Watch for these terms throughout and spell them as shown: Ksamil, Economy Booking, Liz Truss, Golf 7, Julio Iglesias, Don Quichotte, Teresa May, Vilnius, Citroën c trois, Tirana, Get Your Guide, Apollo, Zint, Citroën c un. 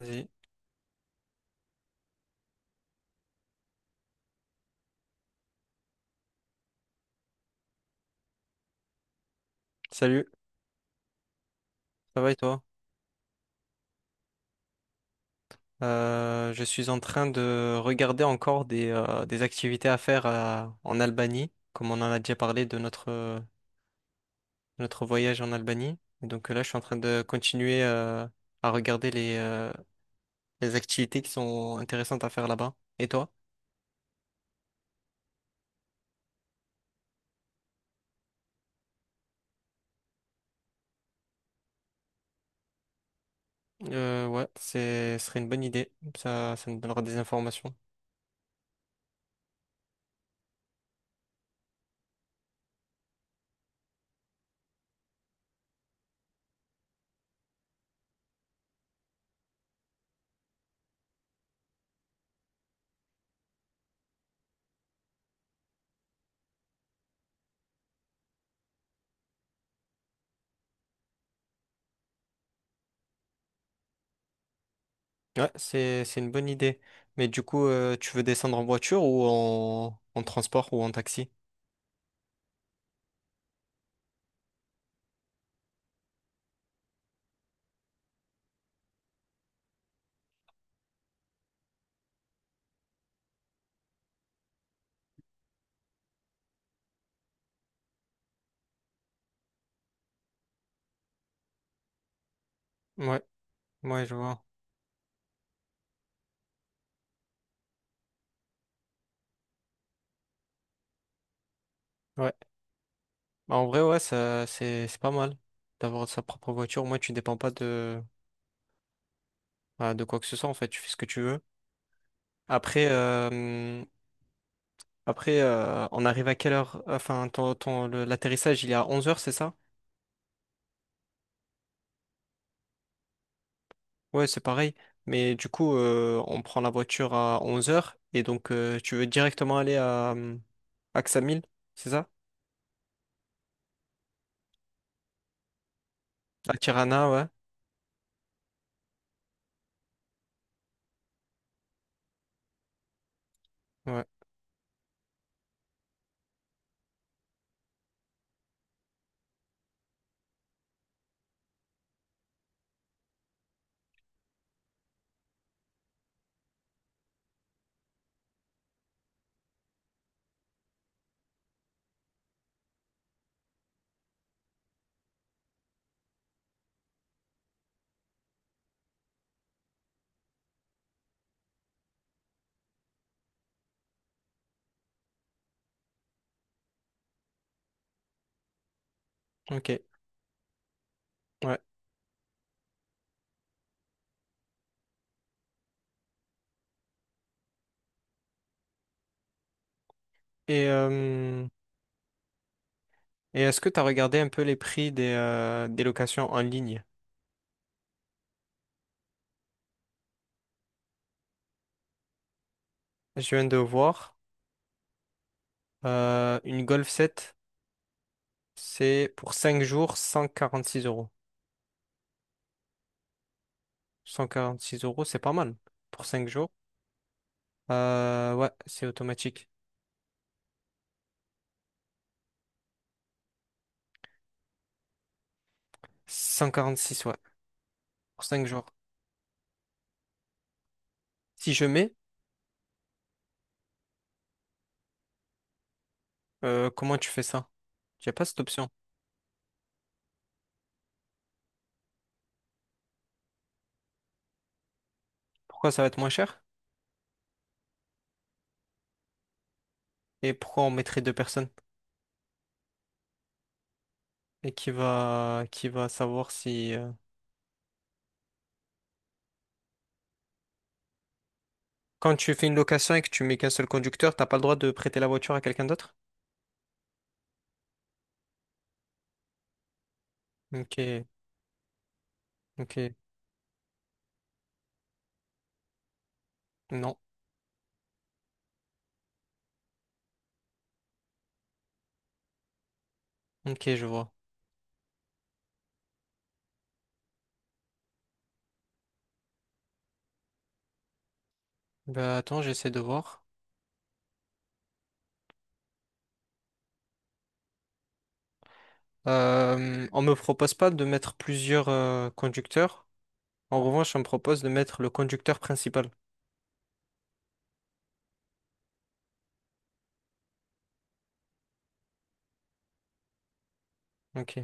Vas-y. Salut, ça va et toi? Je suis en train de regarder encore des activités à faire en Albanie, comme on en a déjà parlé de notre voyage en Albanie. Et donc là, je suis en train de continuer à regarder les activités qui sont intéressantes à faire là-bas. Et toi? Ouais, ce serait une bonne idée. Ça nous donnera des informations. Ouais, c'est une bonne idée. Mais du coup, tu veux descendre en voiture ou en transport ou en taxi? Ouais, ouais, je vois. Ouais. Bah, en vrai, ouais, ça, c'est pas mal d'avoir sa propre voiture. Moi, tu dépends pas de quoi que ce soit, en fait. Tu fais ce que tu veux. Après, euh, après, on arrive à quelle heure? Enfin, l'atterrissage, il est à 11 heures, c'est ça? Ouais, c'est pareil. Mais du coup, on prend la voiture à 11 heures. Et donc, tu veux directement aller à Ksamil, c'est ça? À Tirana, ouais. Ouais, ok. Ouais. Et, euh, et est-ce que tu as regardé un peu les prix des locations en ligne? Je viens de voir une Golf 7, c'est pour 5 jours, 146 euros. 146 euros, c'est pas mal pour 5 jours. Ouais, c'est automatique. 146, ouais, pour 5 jours. Si je mets, Comment tu fais ça? J'ai pas cette option. Pourquoi ça va être moins cher? Et pourquoi on mettrait deux personnes? Et qui va savoir si... Quand tu fais une location et que tu mets qu'un seul conducteur, t'as pas le droit de prêter la voiture à quelqu'un d'autre? Ok, ok, non, ok, je vois. Bah attends, j'essaie de voir. On me propose pas de mettre plusieurs conducteurs. En revanche, on me propose de mettre le conducteur principal. Ok.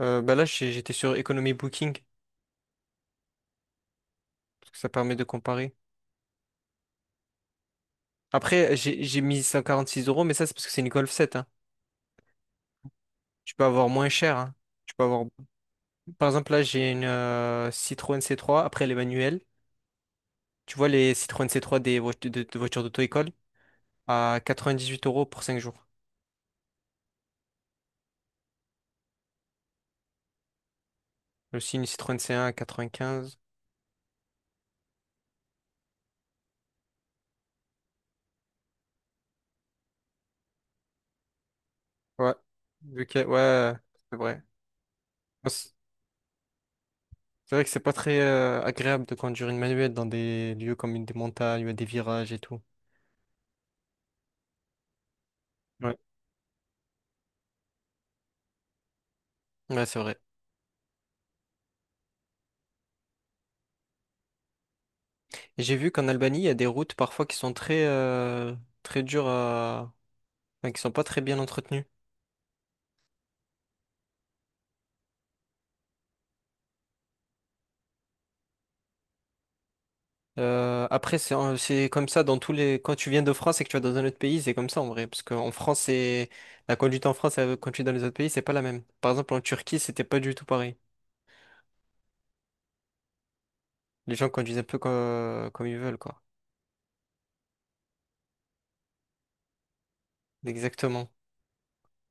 Bah là, j'étais sur Economy Booking, parce que ça permet de comparer. Après, j'ai mis 6 euros, mais ça c'est parce que c'est une Golf 7, hein. Tu peux avoir moins cher, hein. Tu peux avoir... Par exemple, là, j'ai une Citroën C3, après les manuels. Tu vois, les Citroën C3, des de voitures d'auto-école à 98 euros pour 5 jours. Aussi une Citroën C1 à 95. Ouais. Ok, ouais, ouais, ouais, c'est vrai. C'est vrai que c'est pas très agréable de conduire une manuelle dans des lieux comme une des montagnes, où il y a des virages et tout. Ouais. Ouais, c'est vrai. Et j'ai vu qu'en Albanie, il y a des routes parfois qui sont très dures à... enfin, qui sont pas très bien entretenues. Après, c'est comme ça dans tous les... Quand tu viens de France et que tu vas dans un autre pays, c'est comme ça en vrai. Parce qu'en France, c'est... La conduite en France et la conduite dans les autres pays, c'est pas la même. Par exemple, en Turquie, c'était pas du tout pareil. Les gens conduisent un peu comme ils veulent, quoi. Exactement.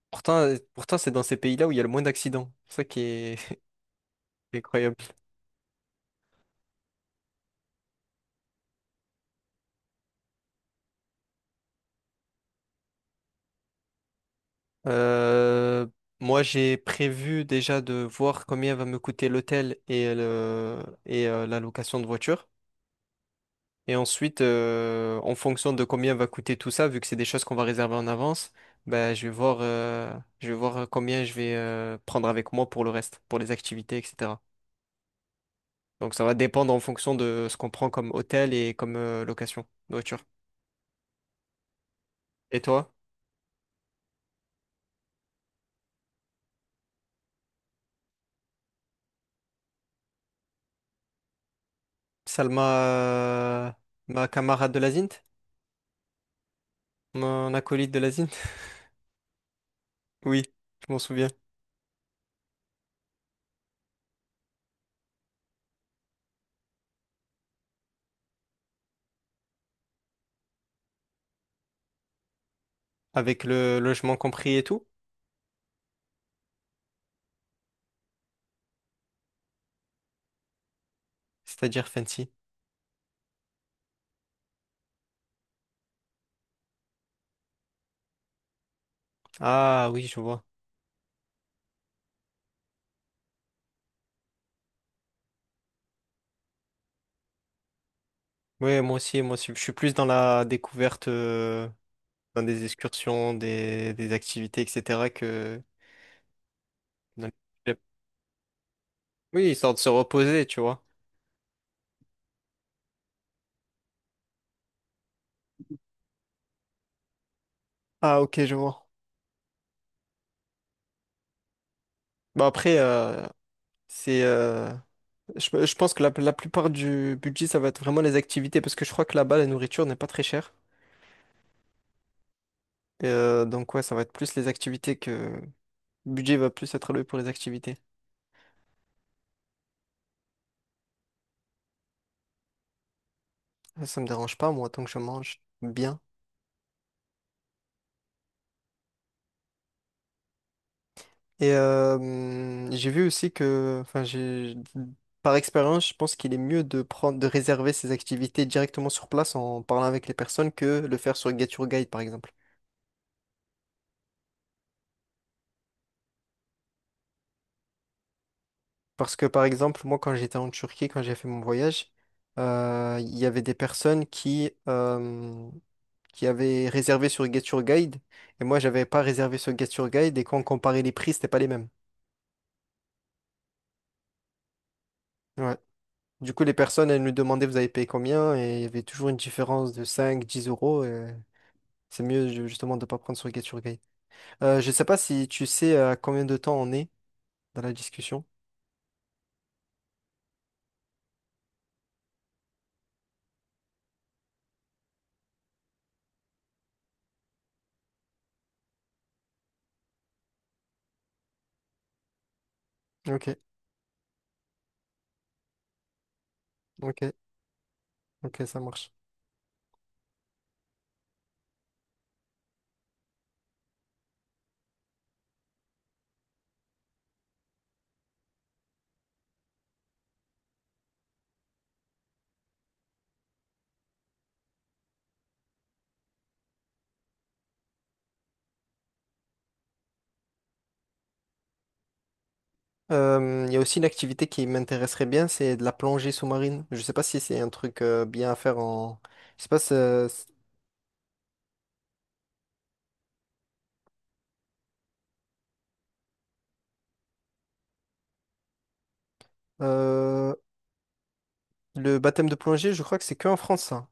Pourtant, c'est dans ces pays-là où il y a le moins d'accidents. C'est ça qui est... Incroyable. Euh, Moi, j'ai prévu déjà de voir combien va me coûter l'hôtel et la location de voiture. Et ensuite, en fonction de combien va coûter tout ça, vu que c'est des choses qu'on va réserver en avance, ben, je vais voir combien je vais prendre avec moi pour le reste, pour les activités, etc. Donc, ça va dépendre en fonction de ce qu'on prend comme hôtel et comme location de voiture. Et toi... Salma, euh, ma camarade de la Zint, mon acolyte de la Zint. Oui, je m'en souviens. Avec le logement compris et tout, c'est-à-dire fancy. Ah oui, je vois. Oui, moi aussi, moi aussi. Je suis plus dans la découverte, dans des excursions, des activités, etc., que dans les... Oui, histoire de se reposer, tu vois. Ah ok, je vois. Bah après, c'est, euh, je pense que la plupart du budget, ça va être vraiment les activités, parce que je crois que là-bas, la nourriture n'est pas très chère. Et donc ouais, ça va être plus les activités que... Le budget va plus être alloué pour les activités. Ça me dérange pas, moi, tant que je mange bien. Et j'ai vu aussi que, enfin, par expérience, je pense qu'il est mieux de de réserver ses activités directement sur place en parlant avec les personnes que le faire sur Get Your Guide, par exemple. Parce que, par exemple, moi, quand j'étais en Turquie, quand j'ai fait mon voyage, il y avait des personnes qui avaient réservé sur Get Your Guide, et moi, j'avais pas réservé sur Get Your Guide, et quand on comparait les prix, c'était pas les mêmes. Ouais. Du coup, les personnes, elles nous demandaient vous avez payé combien, et il y avait toujours une différence de 5, 10 euros. Et c'est mieux justement de ne pas prendre sur Get Your Guide. Je sais pas si tu sais à combien de temps on est dans la discussion. Ok, ok, ok, ça marche. Il y a aussi une activité qui m'intéresserait bien, c'est de la plongée sous-marine. Je sais pas si c'est un truc bien à faire en... Je sais pas, euh, le baptême de plongée, je crois que c'est que en France, ça.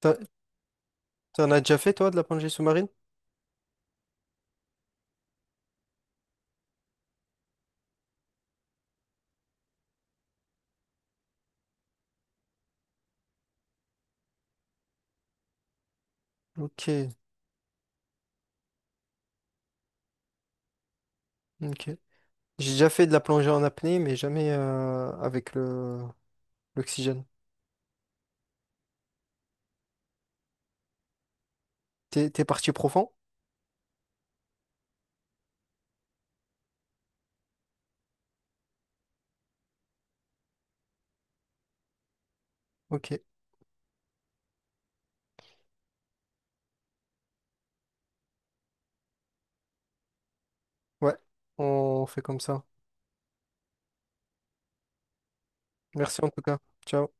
T'en t'en as déjà fait, toi, de la plongée sous-marine? Ok, ok. J'ai déjà fait de la plongée en apnée, mais jamais avec le l'oxygène. T'es parti profond? Ok. Ouais, on fait comme ça. Merci en tout cas. Ciao.